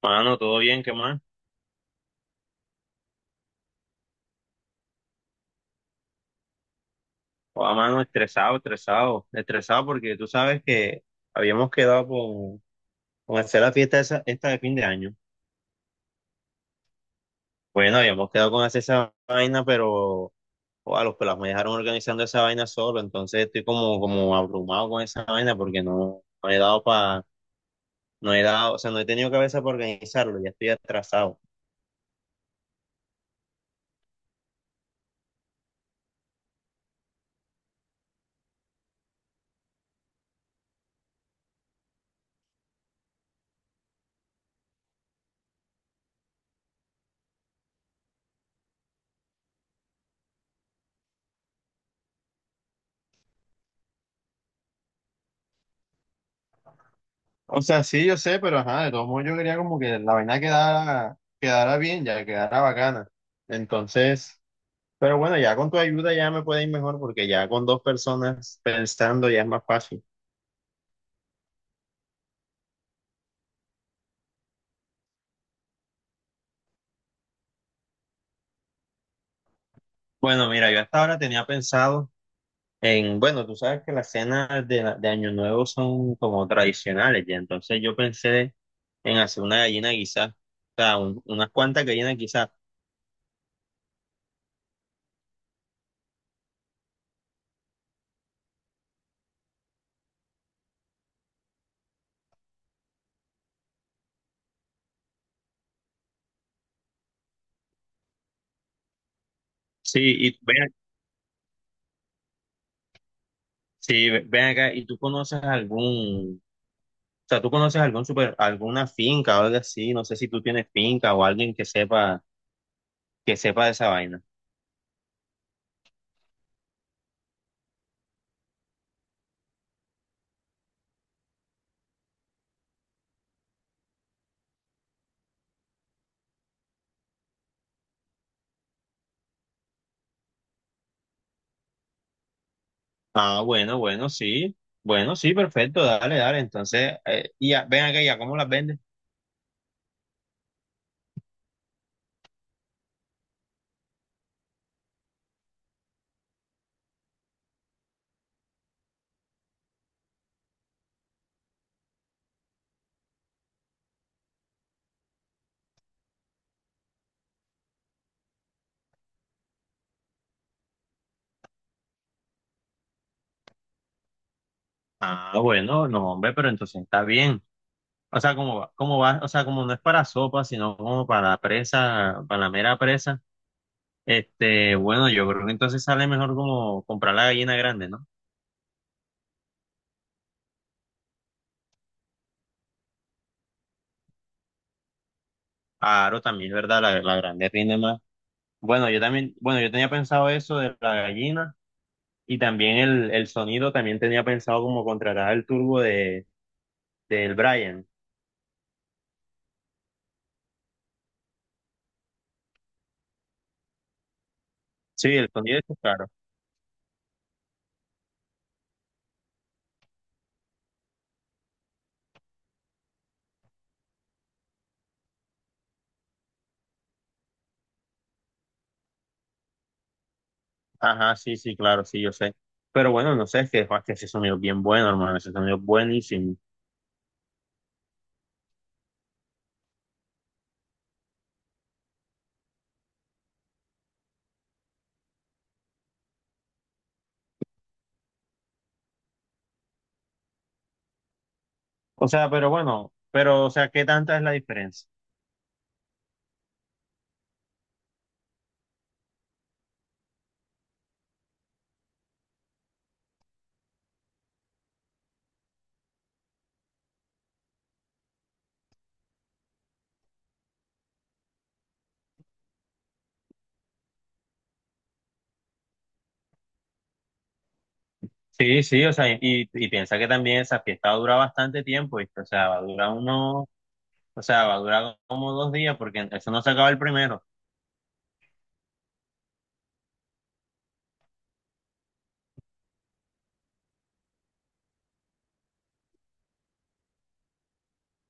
Mano, todo bien, ¿qué más? O a mano, estresado, estresado, estresado porque tú sabes que habíamos quedado con hacer la fiesta esa, esta de fin de año. Bueno, habíamos quedado con hacer esa vaina, pero o a los pelas me dejaron organizando esa vaina solo, entonces estoy como abrumado con esa vaina porque no, no he dado para, no he dado, o sea, no he tenido cabeza para organizarlo, ya estoy atrasado. O sea, sí, yo sé, pero ajá, de todos modos yo quería como que la vaina quedara, quedara bien, ya quedara bacana. Entonces, pero bueno, ya con tu ayuda ya me puede ir mejor porque ya con dos personas pensando ya es más fácil. Bueno, mira, yo hasta ahora tenía pensado en, bueno, tú sabes que las cenas de Año Nuevo son como tradicionales ya, entonces yo pensé en hacer una gallina quizás, o sea, unas cuantas gallinas quizás. Sí, y ven, sí, ven acá, ¿y tú conoces algún, o sea, tú conoces algún super, alguna finca o algo así? No sé si tú tienes finca o alguien que sepa de esa vaina. Ah, bueno, bueno, sí. Bueno, sí, perfecto, dale, dale. Entonces, y ya, ven acá, ya, ¿cómo las vendes? Ah, bueno, no, hombre, pero entonces está bien. O sea, como va, o sea, como no es para sopa, sino como para presa, para la mera presa. Este, bueno, yo creo que entonces sale mejor como comprar la gallina grande, ¿no? Claro, también es verdad, la grande rinde más. Bueno, yo también, bueno, yo tenía pensado eso de la gallina y también el sonido, también tenía pensado como contratar el turbo de, del Brian. Sí, el sonido es claro. Ajá, sí, sí, claro, sí, yo sé. Pero bueno, no sé, es que ese sonido es bien bueno, hermano, ese sonido es buenísimo. O sea, pero bueno, pero, o sea, ¿qué tanta es la diferencia? Sí, sí, o sea, y piensa que también esa fiesta dura bastante tiempo, ¿viste? O sea, va a durar uno, o sea, va a durar como 2 días, porque eso no se acaba el primero.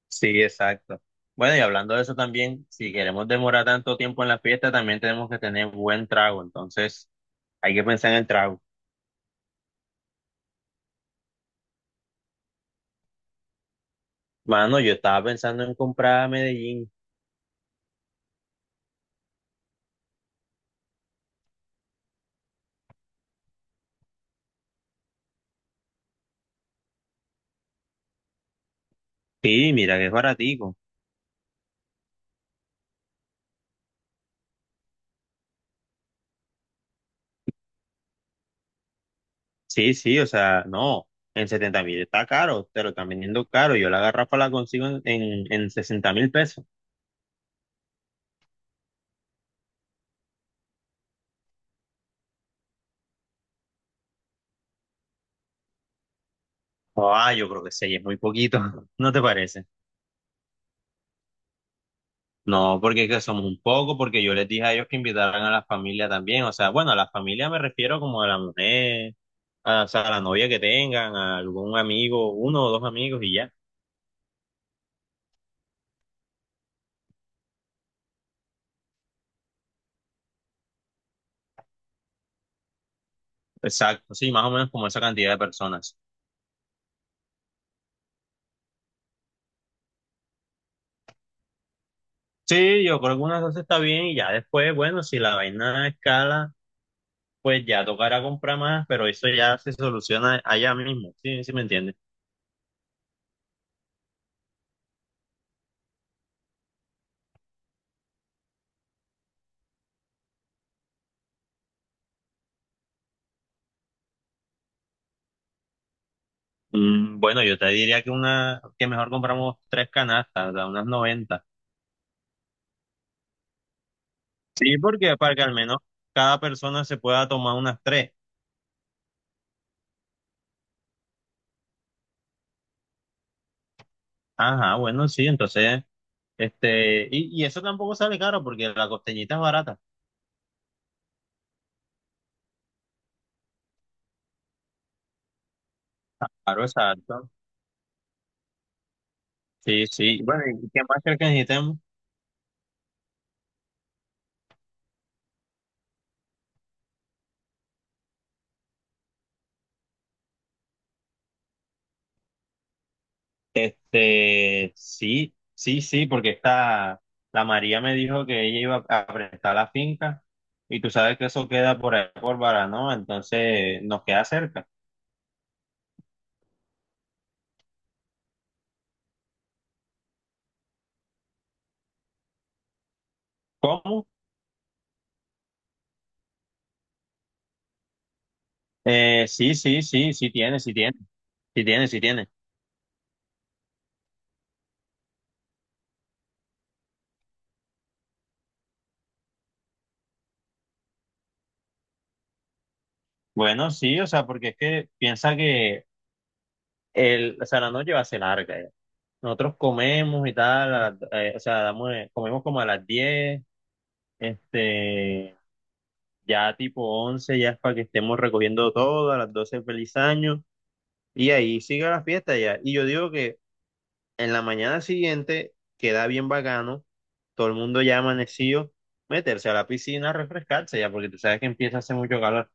Sí, exacto. Bueno, y hablando de eso también, si queremos demorar tanto tiempo en la fiesta, también tenemos que tener buen trago, entonces hay que pensar en el trago. Mano, yo estaba pensando en comprar a Medellín. Sí, mira que es baratico. Sí, sí, o sea, no, en 70.000 está caro, te lo están vendiendo caro. Yo la garrafa la consigo en 60 mil pesos. Ah, yo creo que sí, es muy poquito, ¿no te parece? No, porque es que somos un poco, porque yo les dije a ellos que invitaran a la familia también. O sea, bueno, a la familia me refiero como a la mujer, a, o sea, a la novia que tengan, a algún amigo, uno o dos amigos y ya. Exacto, sí, más o menos como esa cantidad de personas. Sí, yo creo que unas dos está bien y ya después, bueno, si la vaina escala, pues ya tocará comprar más, pero eso ya se soluciona allá mismo, ¿sí? ¿Sí me entiendes? Bueno, yo te diría que una, que mejor compramos tres canastas, ¿verdad? Unas 90. Sí, porque para que al menos cada persona se pueda tomar unas tres. Ajá, bueno, sí, entonces, este, y eso tampoco sale caro porque la costeñita es barata. Claro, exacto. Sí, sí. Bueno, ¿y qué más crees que necesitemos? Este, sí, sí, sí, porque esta, la María me dijo que ella iba a prestar la finca y tú sabes que eso queda por ahí, por Baranoa, entonces nos queda cerca. ¿Cómo? Sí, sí, sí, sí tiene, sí tiene, sí tiene, sí tiene. Bueno, sí, o sea, porque es que piensa que el, o sea, la noche va a ser larga ya. Nosotros comemos y tal, o sea, damos, comemos como a las 10, este... Ya tipo 11 ya es para que estemos recogiendo todo, a las 12 feliz año, y ahí sigue la fiesta ya. Y yo digo que en la mañana siguiente queda bien bacano, todo el mundo ya amanecido, meterse a la piscina a refrescarse ya, porque tú sabes que empieza a hacer mucho calor.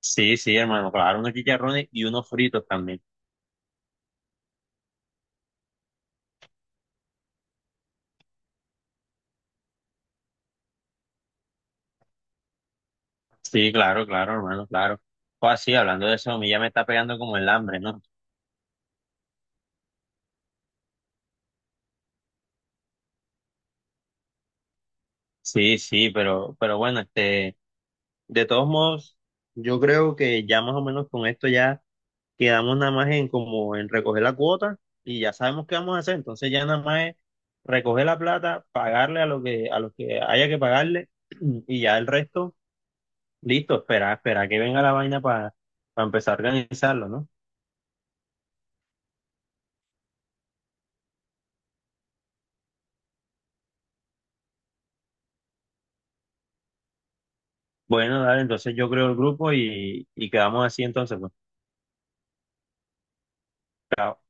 Sí, sí, hermano, claro, unos chicharrones y unos fritos también. Sí, claro, claro, hermano, claro. O así, hablando de eso, a mí ya me está pegando como el hambre, ¿no? Sí, sí, pero bueno, este, de todos modos, yo creo que ya más o menos con esto ya quedamos nada más en como en recoger la cuota y ya sabemos qué vamos a hacer. Entonces ya nada más es recoger la plata, pagarle a lo que, a los que haya que pagarle y ya el resto, listo, espera, espera que venga la vaina para empezar a organizarlo, ¿no? Bueno, dale, entonces yo creo el grupo y quedamos así entonces, pues. Chao.